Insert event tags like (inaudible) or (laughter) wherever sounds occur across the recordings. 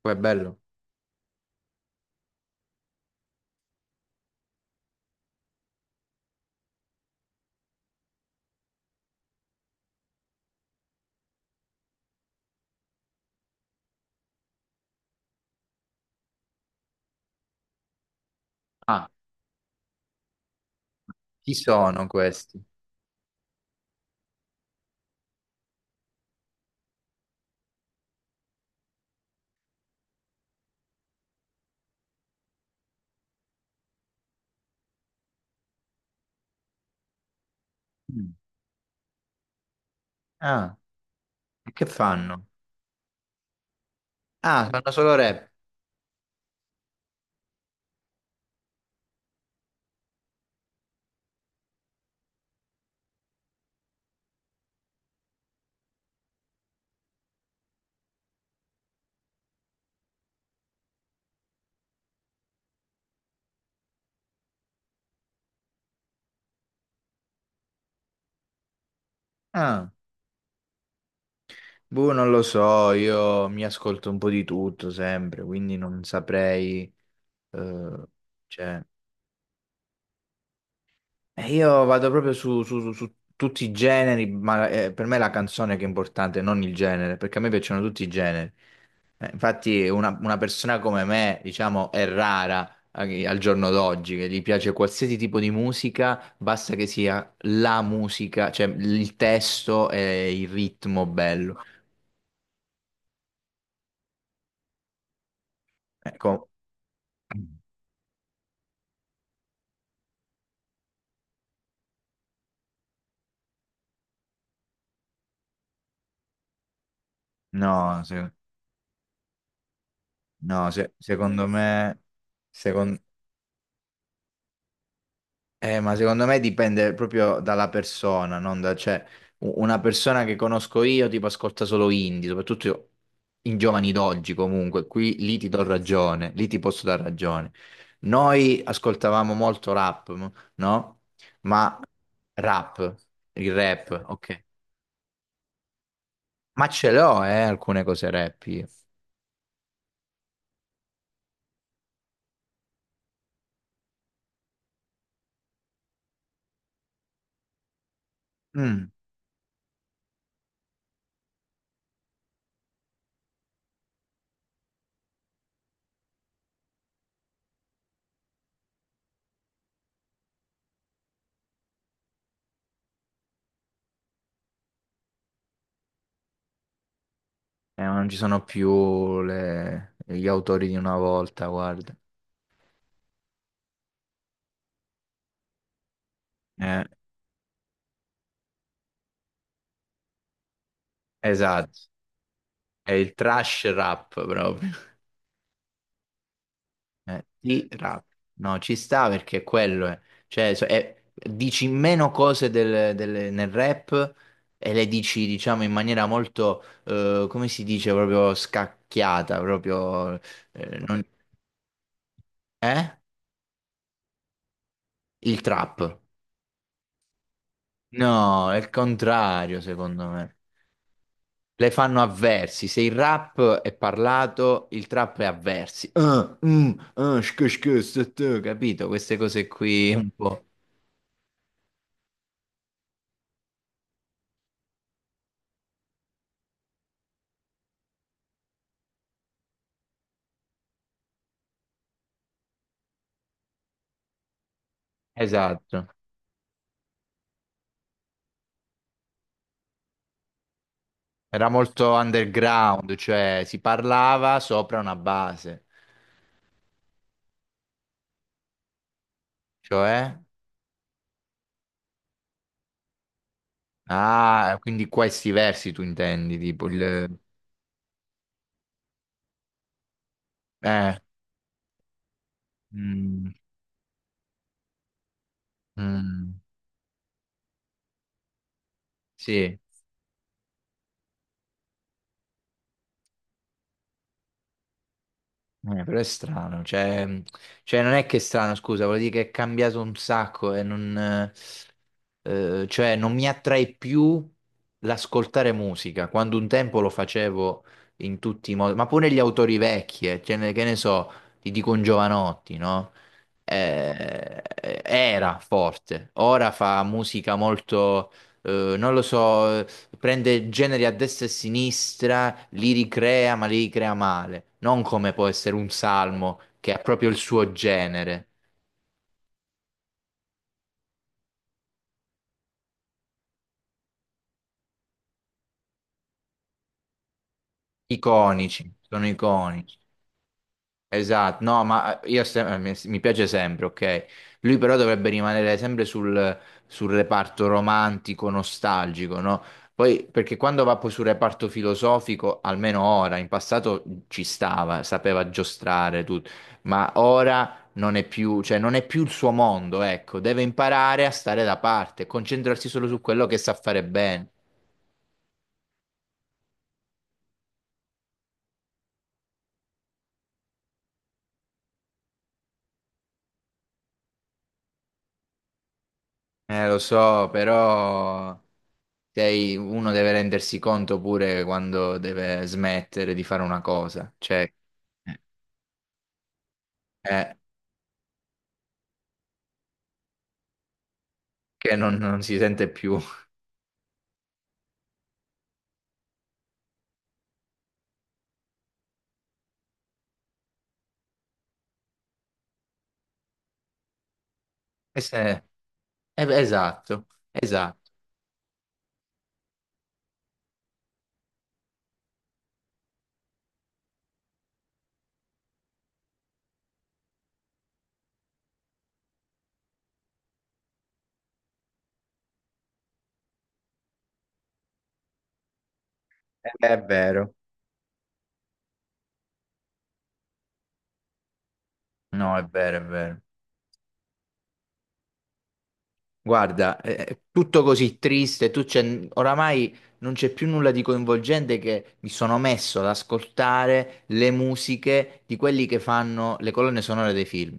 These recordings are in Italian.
Poi è bello. Ah, chi sono questi? Mm. Ah, e che fanno? Ah, fanno solo rap. Ah, boh, non lo so, io mi ascolto un po' di tutto sempre, quindi non saprei... eh, cioè, io vado proprio su tutti i generi, ma per me è la canzone che è importante, non il genere, perché a me piacciono tutti i generi. Infatti una persona come me, diciamo, è rara al giorno d'oggi, che gli piace qualsiasi tipo di musica, basta che sia la musica, cioè il testo e il ritmo bello. Ecco, no, se- secondo me. secon- ma secondo me dipende proprio dalla persona, non da, cioè, una persona che conosco io tipo ascolta solo indie, in giovani d'oggi comunque, qui lì ti do ragione, lì ti posso dare ragione. Noi ascoltavamo molto rap, no? Ma rap, il rap, ok. Ma ce l'ho, alcune cose rap io. Mm. Ma non ci sono più gli autori di una volta, guarda. Eh, esatto, è il trash rap proprio. Tirato. No, ci sta perché quello è. Cioè, dici meno cose nel rap e le dici, diciamo, in maniera molto, come si dice, proprio scacchiata, proprio... eh, non- eh? Il trap. No, è il contrario, secondo me. Le fanno a versi. Se il rap è parlato, il trap è a versi. Ah, mm, ah, shk, shk, st, st, capito? Queste cose qui un po'. Esatto. Era molto underground, cioè si parlava sopra una base, cioè... Ah, quindi questi versi tu intendi, tipo il... Eh, mm, mm, sì. Però è strano, cioè non è che è strano, scusa, vuol dire che è cambiato un sacco e non, cioè, non mi attrae più l'ascoltare musica, quando un tempo lo facevo in tutti i modi, ma pure gli autori vecchi, cioè, che ne so, ti dico un Giovanotti, no? Era forte, ora fa musica molto non lo so. Prende generi a destra e a sinistra, li ricrea, ma li ricrea male. Non come può essere un salmo, che è proprio il suo genere. Iconici, sono iconici. Esatto, no, ma io mi piace sempre, ok? Lui però dovrebbe rimanere sempre sul reparto romantico, nostalgico, no? Poi, perché quando va poi sul reparto filosofico, almeno ora, in passato ci stava, sapeva giostrare tutto, ma ora non è più, cioè non è più il suo mondo, ecco, deve imparare a stare da parte, concentrarsi solo su quello che sa fare bene. Lo so, però uno deve rendersi conto pure quando deve smettere di fare una cosa, cioè eh, eh, che non si sente più. (laughs) E se- beh, esatto, esatto. Beh, è vero. No, è vero, è vero. Guarda, è tutto così triste, tu c'è, oramai non c'è più nulla di coinvolgente che mi sono messo ad ascoltare le musiche di quelli che fanno le colonne sonore dei film.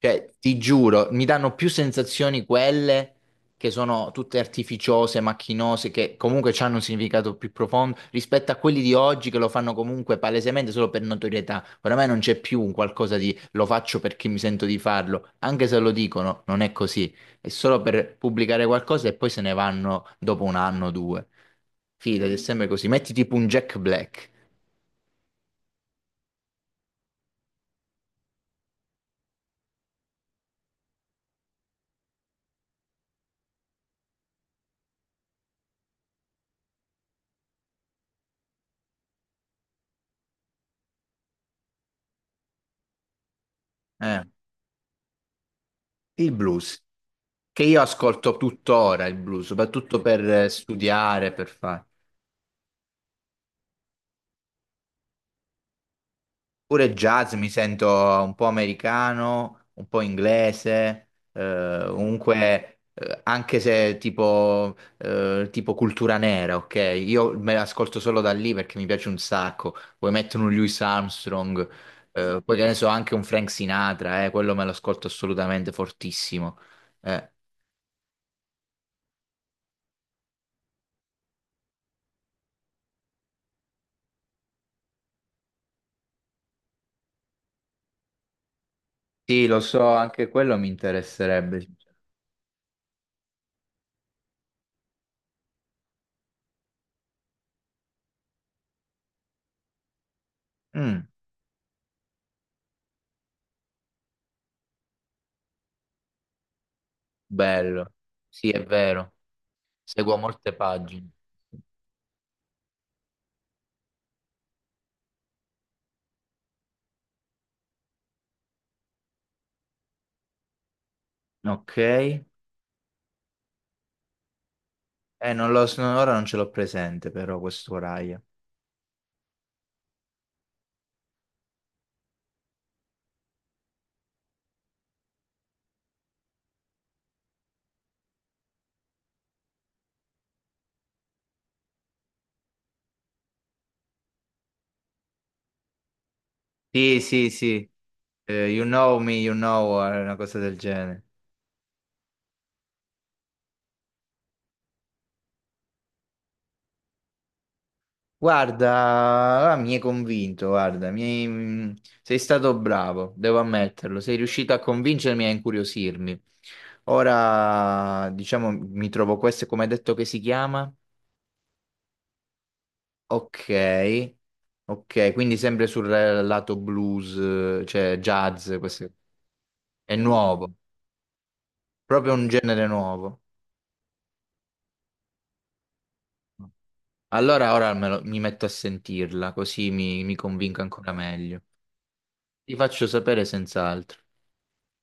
Cioè, ti giuro, mi danno più sensazioni quelle che sono tutte artificiose, macchinose, che comunque hanno un significato più profondo rispetto a quelli di oggi che lo fanno comunque palesemente solo per notorietà. Oramai non c'è più un qualcosa di lo faccio perché mi sento di farlo, anche se lo dicono, non è così. È solo per pubblicare qualcosa e poi se ne vanno dopo un anno o due. Fidati, è sempre così. Metti tipo un Jack Black, eh, il blues. Che io ascolto tuttora il blues, soprattutto per studiare, per fare. Pure jazz mi sento un po' americano, un po' inglese, comunque anche se tipo, tipo cultura nera, ok? Io me l'ascolto solo da lì perché mi piace un sacco. Poi mettono un Louis Armstrong, poi che ne so, anche un Frank Sinatra, quello me lo ascolto assolutamente fortissimo. Eh, Sì, lo so, anche quello mi interesserebbe. Mm. Bello, sì, è vero, seguo molte pagine. Ok, non lo so, ora non ce l'ho presente però questo Raya. Sì, sì, sì. You Know Me, You Know, una cosa del genere. Guarda, ah, mi hai convinto, guarda, sei stato bravo, devo ammetterlo, sei riuscito a convincermi e a incuriosirmi. Ora, diciamo, mi trovo questo, come hai detto che si chiama? Ok, ok, quindi sempre sul lato blues, cioè jazz, queste- è nuovo, proprio un genere nuovo. Allora ora mi metto a sentirla, così mi convinco ancora meglio. Ti faccio sapere senz'altro.